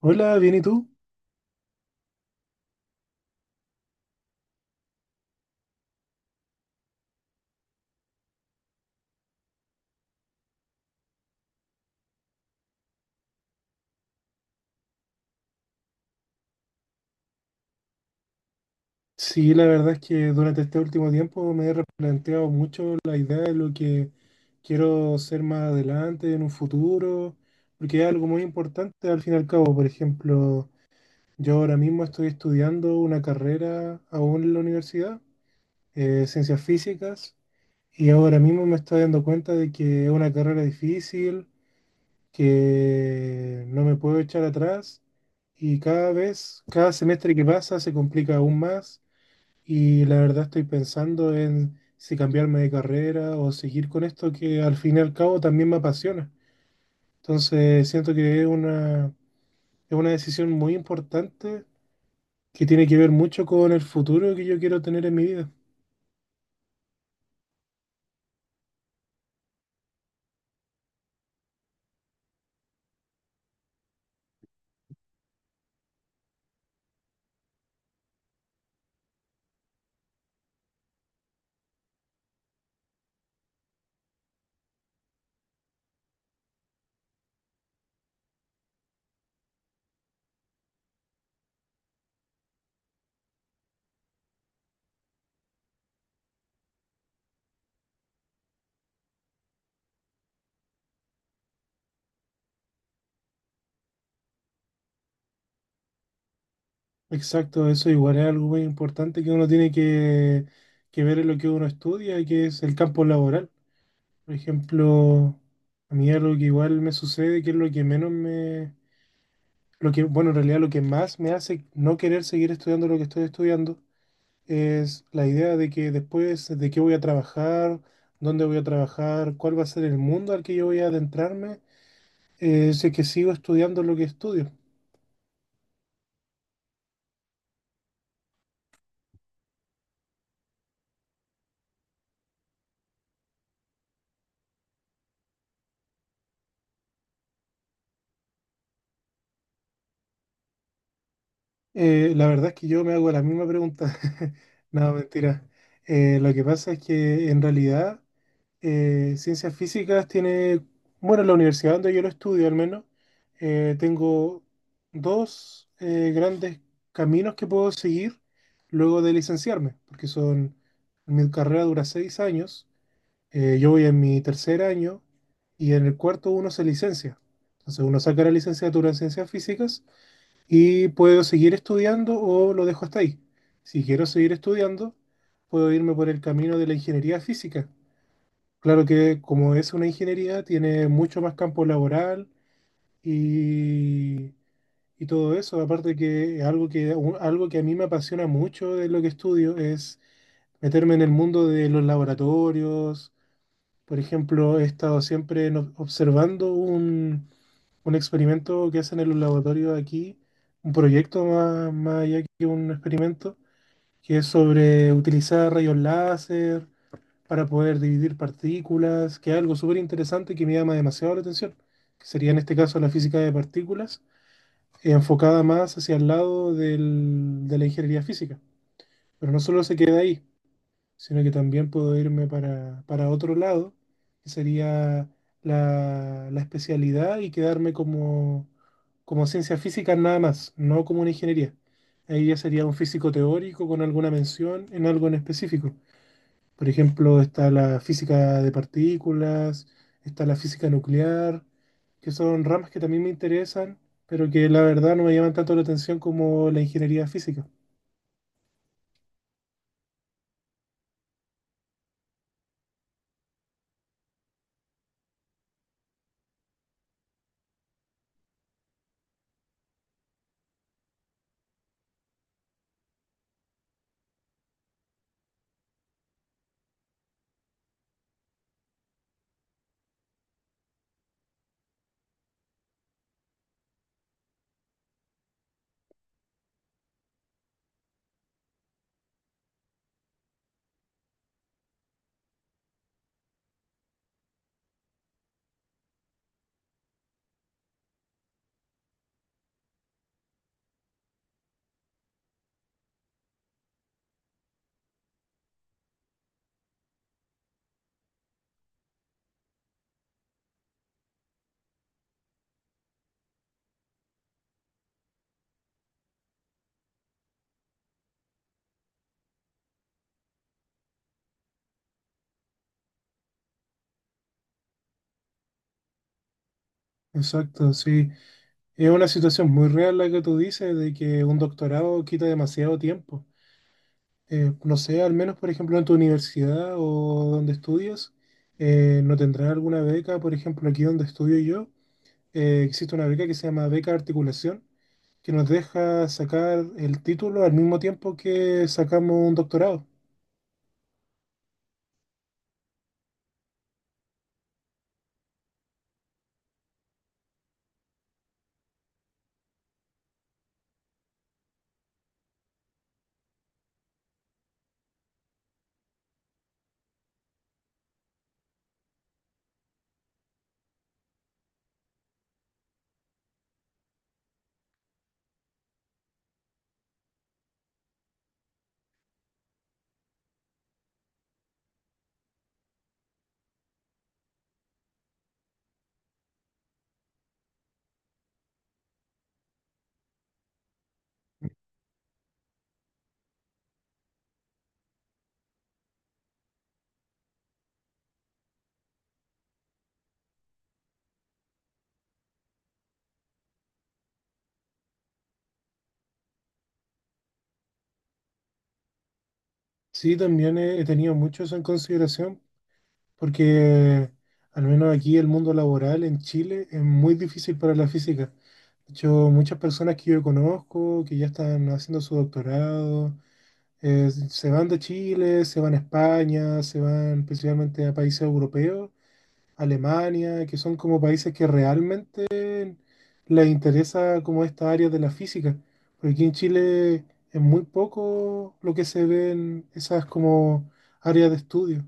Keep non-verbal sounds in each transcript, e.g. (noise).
Hola, bien, ¿y tú? Sí, la verdad es que durante este último tiempo me he replanteado mucho la idea de lo que quiero ser más adelante, en un futuro, porque es algo muy importante al fin y al cabo. Por ejemplo, yo ahora mismo estoy estudiando una carrera aún en la universidad, ciencias físicas, y ahora mismo me estoy dando cuenta de que es una carrera difícil, que no me puedo echar atrás. Y cada vez, cada semestre que pasa se complica aún más. Y la verdad estoy pensando en si cambiarme de carrera o seguir con esto que al fin y al cabo también me apasiona. Entonces siento que es una decisión muy importante que tiene que ver mucho con el futuro que yo quiero tener en mi vida. Exacto, eso igual es algo muy importante que uno tiene que ver en lo que uno estudia, que es el campo laboral. Por ejemplo, a mí algo que igual me sucede, que es lo que menos me Lo que, bueno, en realidad lo que más me hace no querer seguir estudiando lo que estoy estudiando es la idea de que después de qué voy a trabajar, dónde voy a trabajar, cuál va a ser el mundo al que yo voy a adentrarme, si es que sigo estudiando lo que estudio. La verdad es que yo me hago la misma pregunta. (laughs) No, mentira. Lo que pasa es que en realidad ciencias físicas bueno, en la universidad donde yo lo estudio al menos, tengo dos grandes caminos que puedo seguir luego de licenciarme, porque son, mi carrera dura 6 años, yo voy en mi tercer año y en el cuarto uno se licencia. Entonces uno saca la licenciatura en ciencias físicas y puedo seguir estudiando o lo dejo hasta ahí. Si quiero seguir estudiando, puedo irme por el camino de la ingeniería física. Claro que como es una ingeniería, tiene mucho más campo laboral y, y todo eso. Aparte que algo que a mí me apasiona mucho de lo que estudio es meterme en el mundo de los laboratorios. Por ejemplo, he estado siempre observando un experimento que hacen en los laboratorios aquí, un proyecto más allá que un experimento, que es sobre utilizar rayos láser para poder dividir partículas, que es algo súper interesante que me llama demasiado la atención, que sería en este caso la física de partículas, enfocada más hacia el lado de la ingeniería física. Pero no solo se queda ahí, sino que también puedo irme para otro lado, que sería la especialidad y quedarme como ciencia física nada más, no como una ingeniería. Ahí ya sería un físico teórico con alguna mención en algo en específico. Por ejemplo, está la física de partículas, está la física nuclear, que son ramas que también me interesan, pero que la verdad no me llaman tanto la atención como la ingeniería física. Exacto, sí. Es una situación muy real la que tú dices de que un doctorado quita demasiado tiempo. No sé, al menos por ejemplo en tu universidad o donde estudias, ¿no tendrás alguna beca? Por ejemplo, aquí donde estudio yo, existe una beca que se llama Beca Articulación, que nos deja sacar el título al mismo tiempo que sacamos un doctorado. Sí, también he tenido mucho eso en consideración porque al menos aquí el mundo laboral en Chile es muy difícil para la física. De hecho, muchas personas que yo conozco, que ya están haciendo su doctorado, se van de Chile, se van a España, se van principalmente a países europeos, Alemania, que son como países que realmente les interesa como esta área de la física. Porque aquí en Chile es muy poco lo que se ve en esas como áreas de estudio.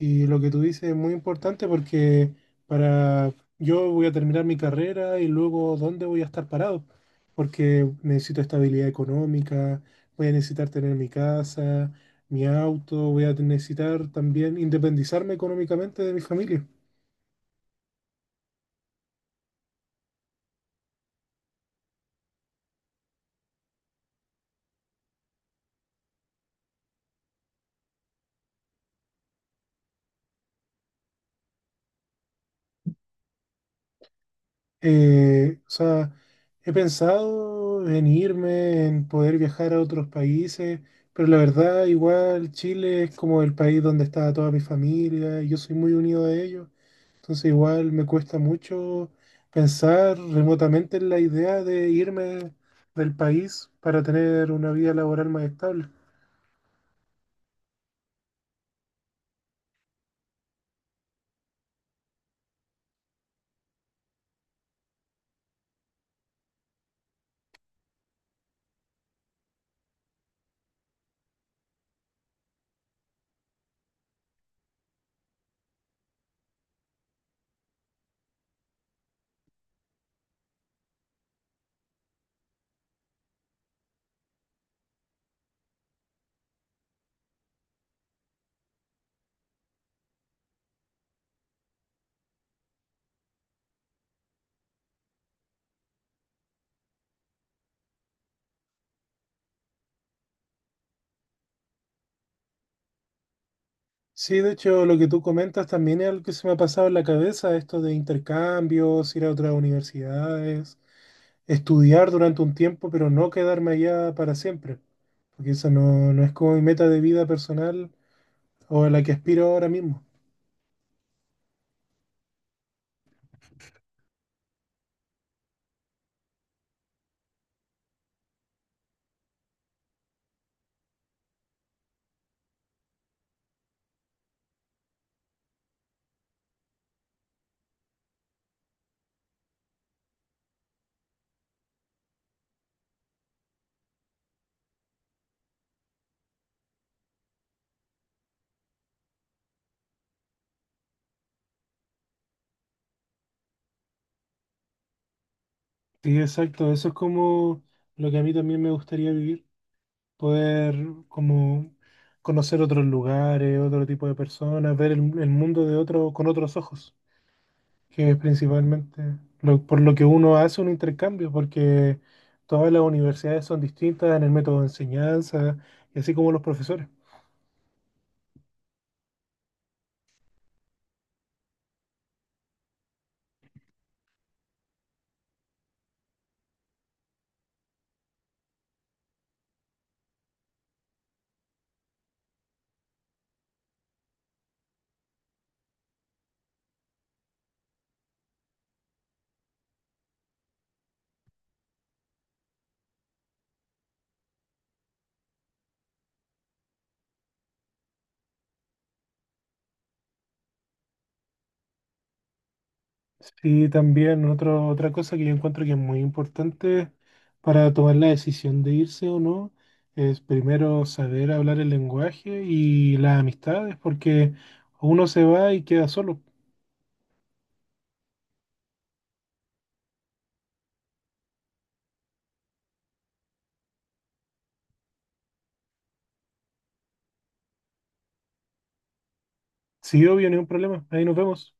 Y lo que tú dices es muy importante porque para yo voy a terminar mi carrera y luego dónde voy a estar parado, porque necesito estabilidad económica, voy a necesitar tener mi casa, mi auto, voy a necesitar también independizarme económicamente de mi familia. O sea, he pensado en irme, en poder viajar a otros países, pero la verdad, igual Chile es como el país donde está toda mi familia y yo soy muy unido a ellos. Entonces, igual me cuesta mucho pensar remotamente en la idea de irme del país para tener una vida laboral más estable. Sí, de hecho, lo que tú comentas también es algo que se me ha pasado en la cabeza, esto de intercambios, ir a otras universidades, estudiar durante un tiempo, pero no quedarme allá para siempre, porque eso no, no es como mi meta de vida personal o a la que aspiro ahora mismo. Sí, exacto, eso es como lo que a mí también me gustaría vivir, poder como conocer otros lugares, otro tipo de personas, ver el mundo de otro, con otros ojos, que es principalmente por lo que uno hace un intercambio, porque todas las universidades son distintas en el método de enseñanza y así como los profesores. Sí, también otra cosa que yo encuentro que es muy importante para tomar la decisión de irse o no es primero saber hablar el lenguaje y las amistades, porque uno se va y queda solo. Sí, obvio, ningún problema. Ahí nos vemos.